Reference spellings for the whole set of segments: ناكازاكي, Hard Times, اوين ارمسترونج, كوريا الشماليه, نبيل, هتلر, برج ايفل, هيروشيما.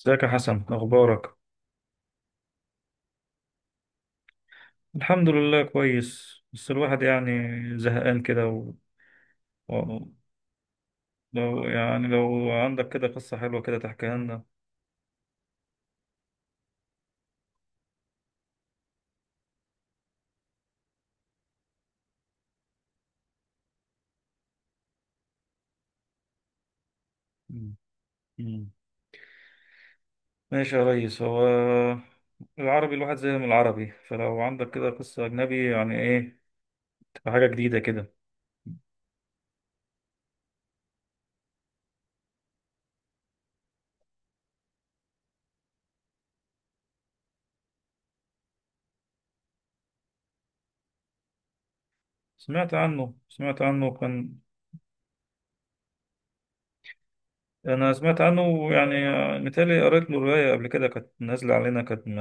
ازيك يا حسن، اخبارك؟ الحمد لله كويس، بس الواحد يعني زهقان كده و... و... لو يعني لو عندك كده قصة حلوة كده تحكيها لنا. مم. مم. ماشي يا ريس. هو العربي الواحد زي من العربي، فلو عندك كده قصة أجنبي يعني إيه تبقى حاجة جديدة كده. سمعت عنه كان. انا سمعت عنه يعني، متهيألي قريت له رواية قبل كده، كانت نازلة علينا، كانت م-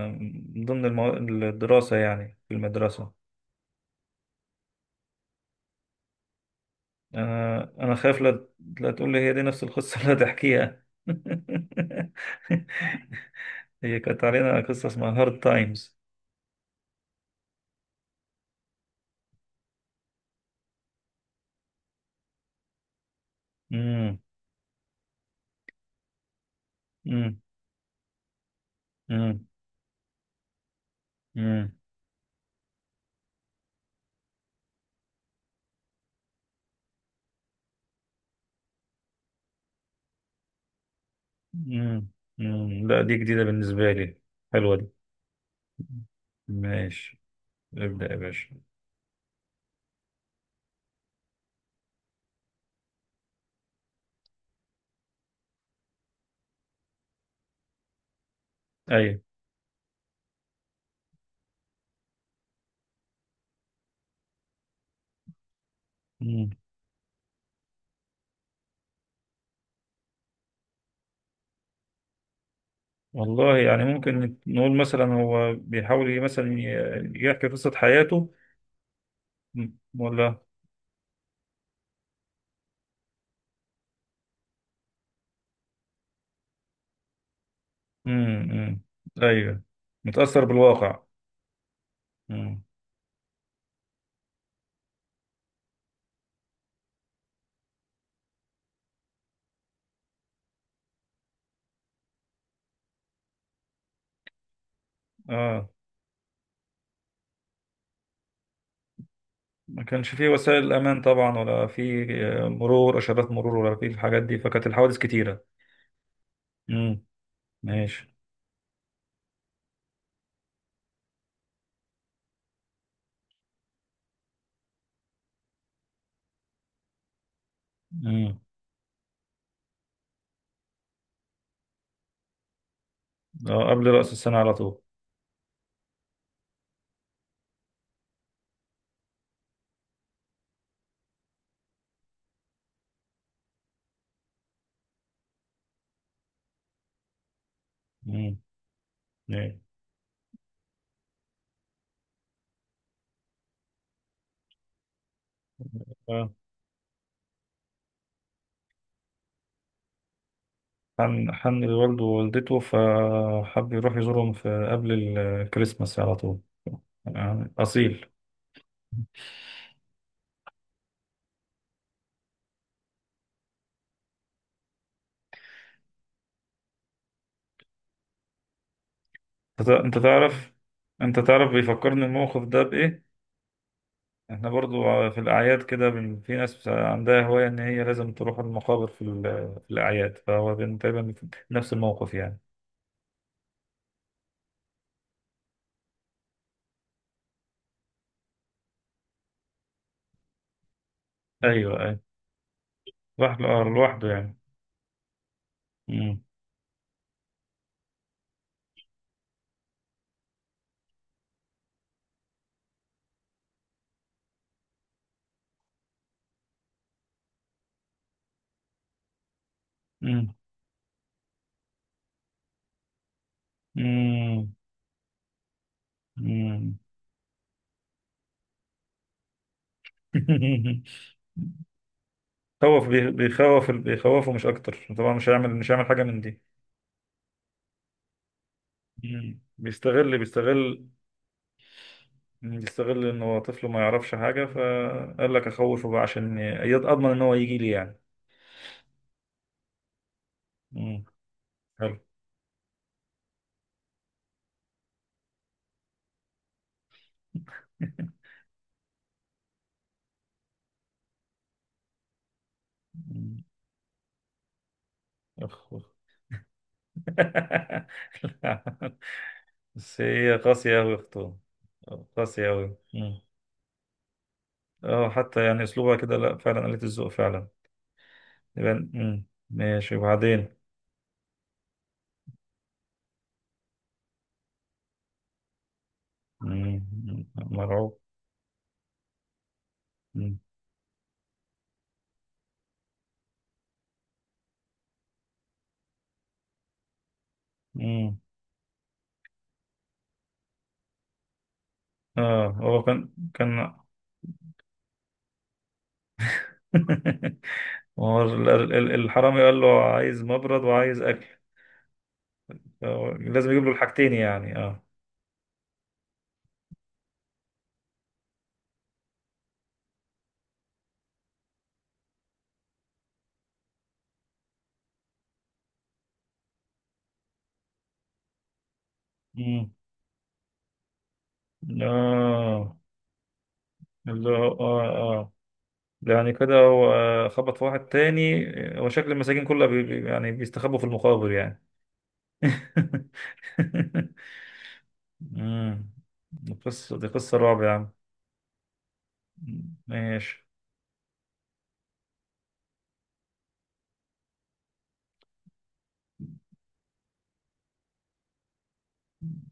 من ضمن المو... الدراسة يعني في المدرسة. انا خايف، لا، لا تقول لي هي دي نفس القصة اللي هتحكيها؟ هي كانت علينا قصة اسمها هارد تايمز. امم. امم. امم. امم. امم. أمم. لا، دي جديدة بالنسبة لي، حلوة دي. ماشي، ابدأ يا باشا. ايوه. والله يعني ممكن نقول مثلا هو بيحاول مثلا يحكي قصة حياته. م- ولا. امم. ايوه. متأثر بالواقع. امم. اه، ما كانش فيه وسائل امان طبعا ولا فيه؟ آه، مرور اشارات مرور ولا فيه الحاجات دي، فكانت الحوادث كتيرة. امم. ماشي. امم. آه، قبل رأس السنة على طول. امم. ايوه. آه. حن حن لوالده ووالدته، فحب يروح يزورهم في قبل الكريسماس على طول. آه، أصيل. انت انت تعرف انت تعرف بيفكرني الموقف ده بايه. احنا برضو في الاعياد كده، في ناس عندها هواية ان هي لازم تروح المقابر في الاعياد، فهو كان تقريبا نفس الموقف يعني. ايوه، ايوه. لوحده، آه، لوحده يعني. مم. مم. مم. مم. خوف بي- بيخوف بيخوفه مش اكتر طبعا، مش هيعمل حاجة من دي. مم. بيستغل. يستغل ان هو طفل ما يعرفش حاجة، فقال لك اخوفه بقى عشان اضمن ان هو يجي لي يعني. مم. حلو. مم. أخ- لا. بس هي قاسية أوي يا أختو. قاسية أوي. مم. اه، حتى يعني أسلوبها كده، لا فعلا قلة الذوق فعلا. يبقى ماشي، وبعدين؟ مم. مرعوب. مم. مم. اه، هو كان. هو الحرامي قال له عايز مبرد وعايز أكل. آه، لازم يجيب له الحاجتين يعني، اه. مم. اه، اللي هو اه يعني كده، هو خبط في واحد تاني. هو شكل المساجين كلها يعني بيستخبوا في المقابر يعني. مم. دي قصة رعب يا عم. ماشي.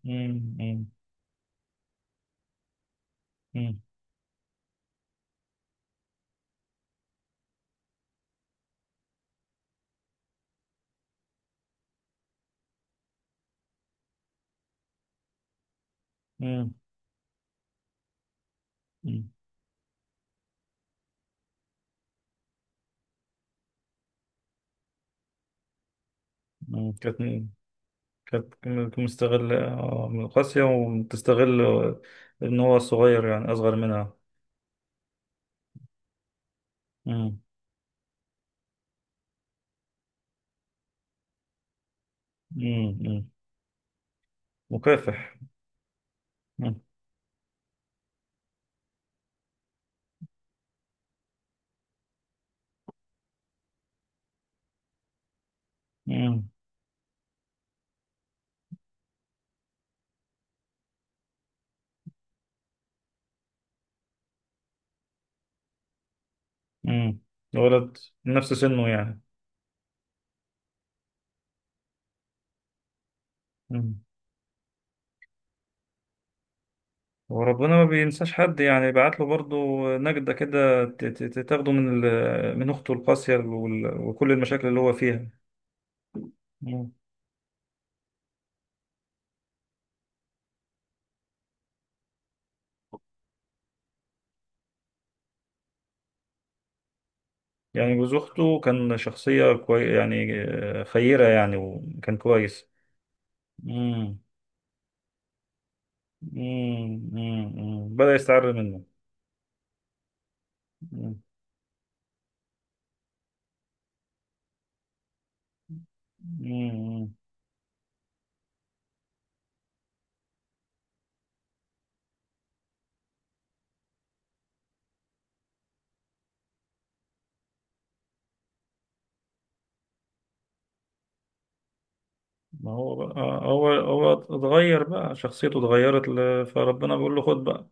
مم. مم. مم. مم. مم. مم. كانت مستغلة، آه، من القاسية وتستغل إن هو صغير يعني أصغر منها. مم. مم. مكافح. مم. مم. مم. ولد نفس سنه يعني. مم. وربنا ما بينساش حد يعني، بعت له برضه نجدة كده تاخده من أخته القاسية وكل المشاكل اللي هو فيها. مم. يعني جوز أخته كان شخصية كوي يعني، آه، خيرة يعني وكان كويس. مم. مم. مم. مم. بدأ يستعر منه. مم. مم. ما هو بقى، هو اتغير، بقى شخصيته اتغيرت فربنا بيقول له خد بقى.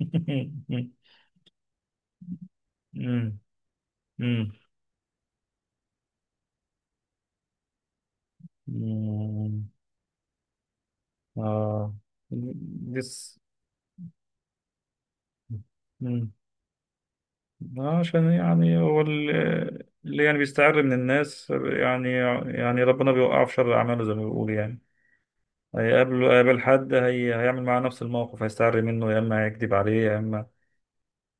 مم. مم. مم. آه، بس. مم. عشان يعني هو اللي يعني بيستعر من الناس يعني. يعني ربنا بيوقعه في شر أعماله زي ما بيقول يعني. هيقابل حد، هيعمل معاه نفس الموقف، هيستعر منه، يا إما هيكذب عليه يا إما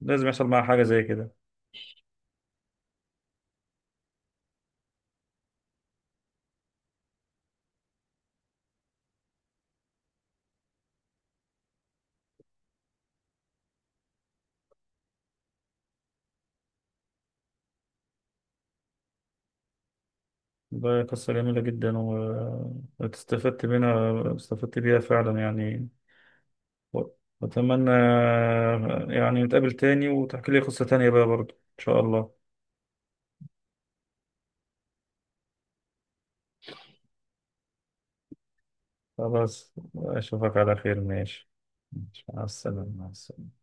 لازم يحصل معاه حاجة زي كده. ده قصة جميلة جدا واستفدت منها استفدت بيها فعلا يعني. وأتمنى، آه، يعني نتقابل تاني وتحكي لي قصة تانية بقى برضو إن شاء الله. خلاص، أشوفك على خير، ماشي. ماشي. مع السلامة، مع السلامة.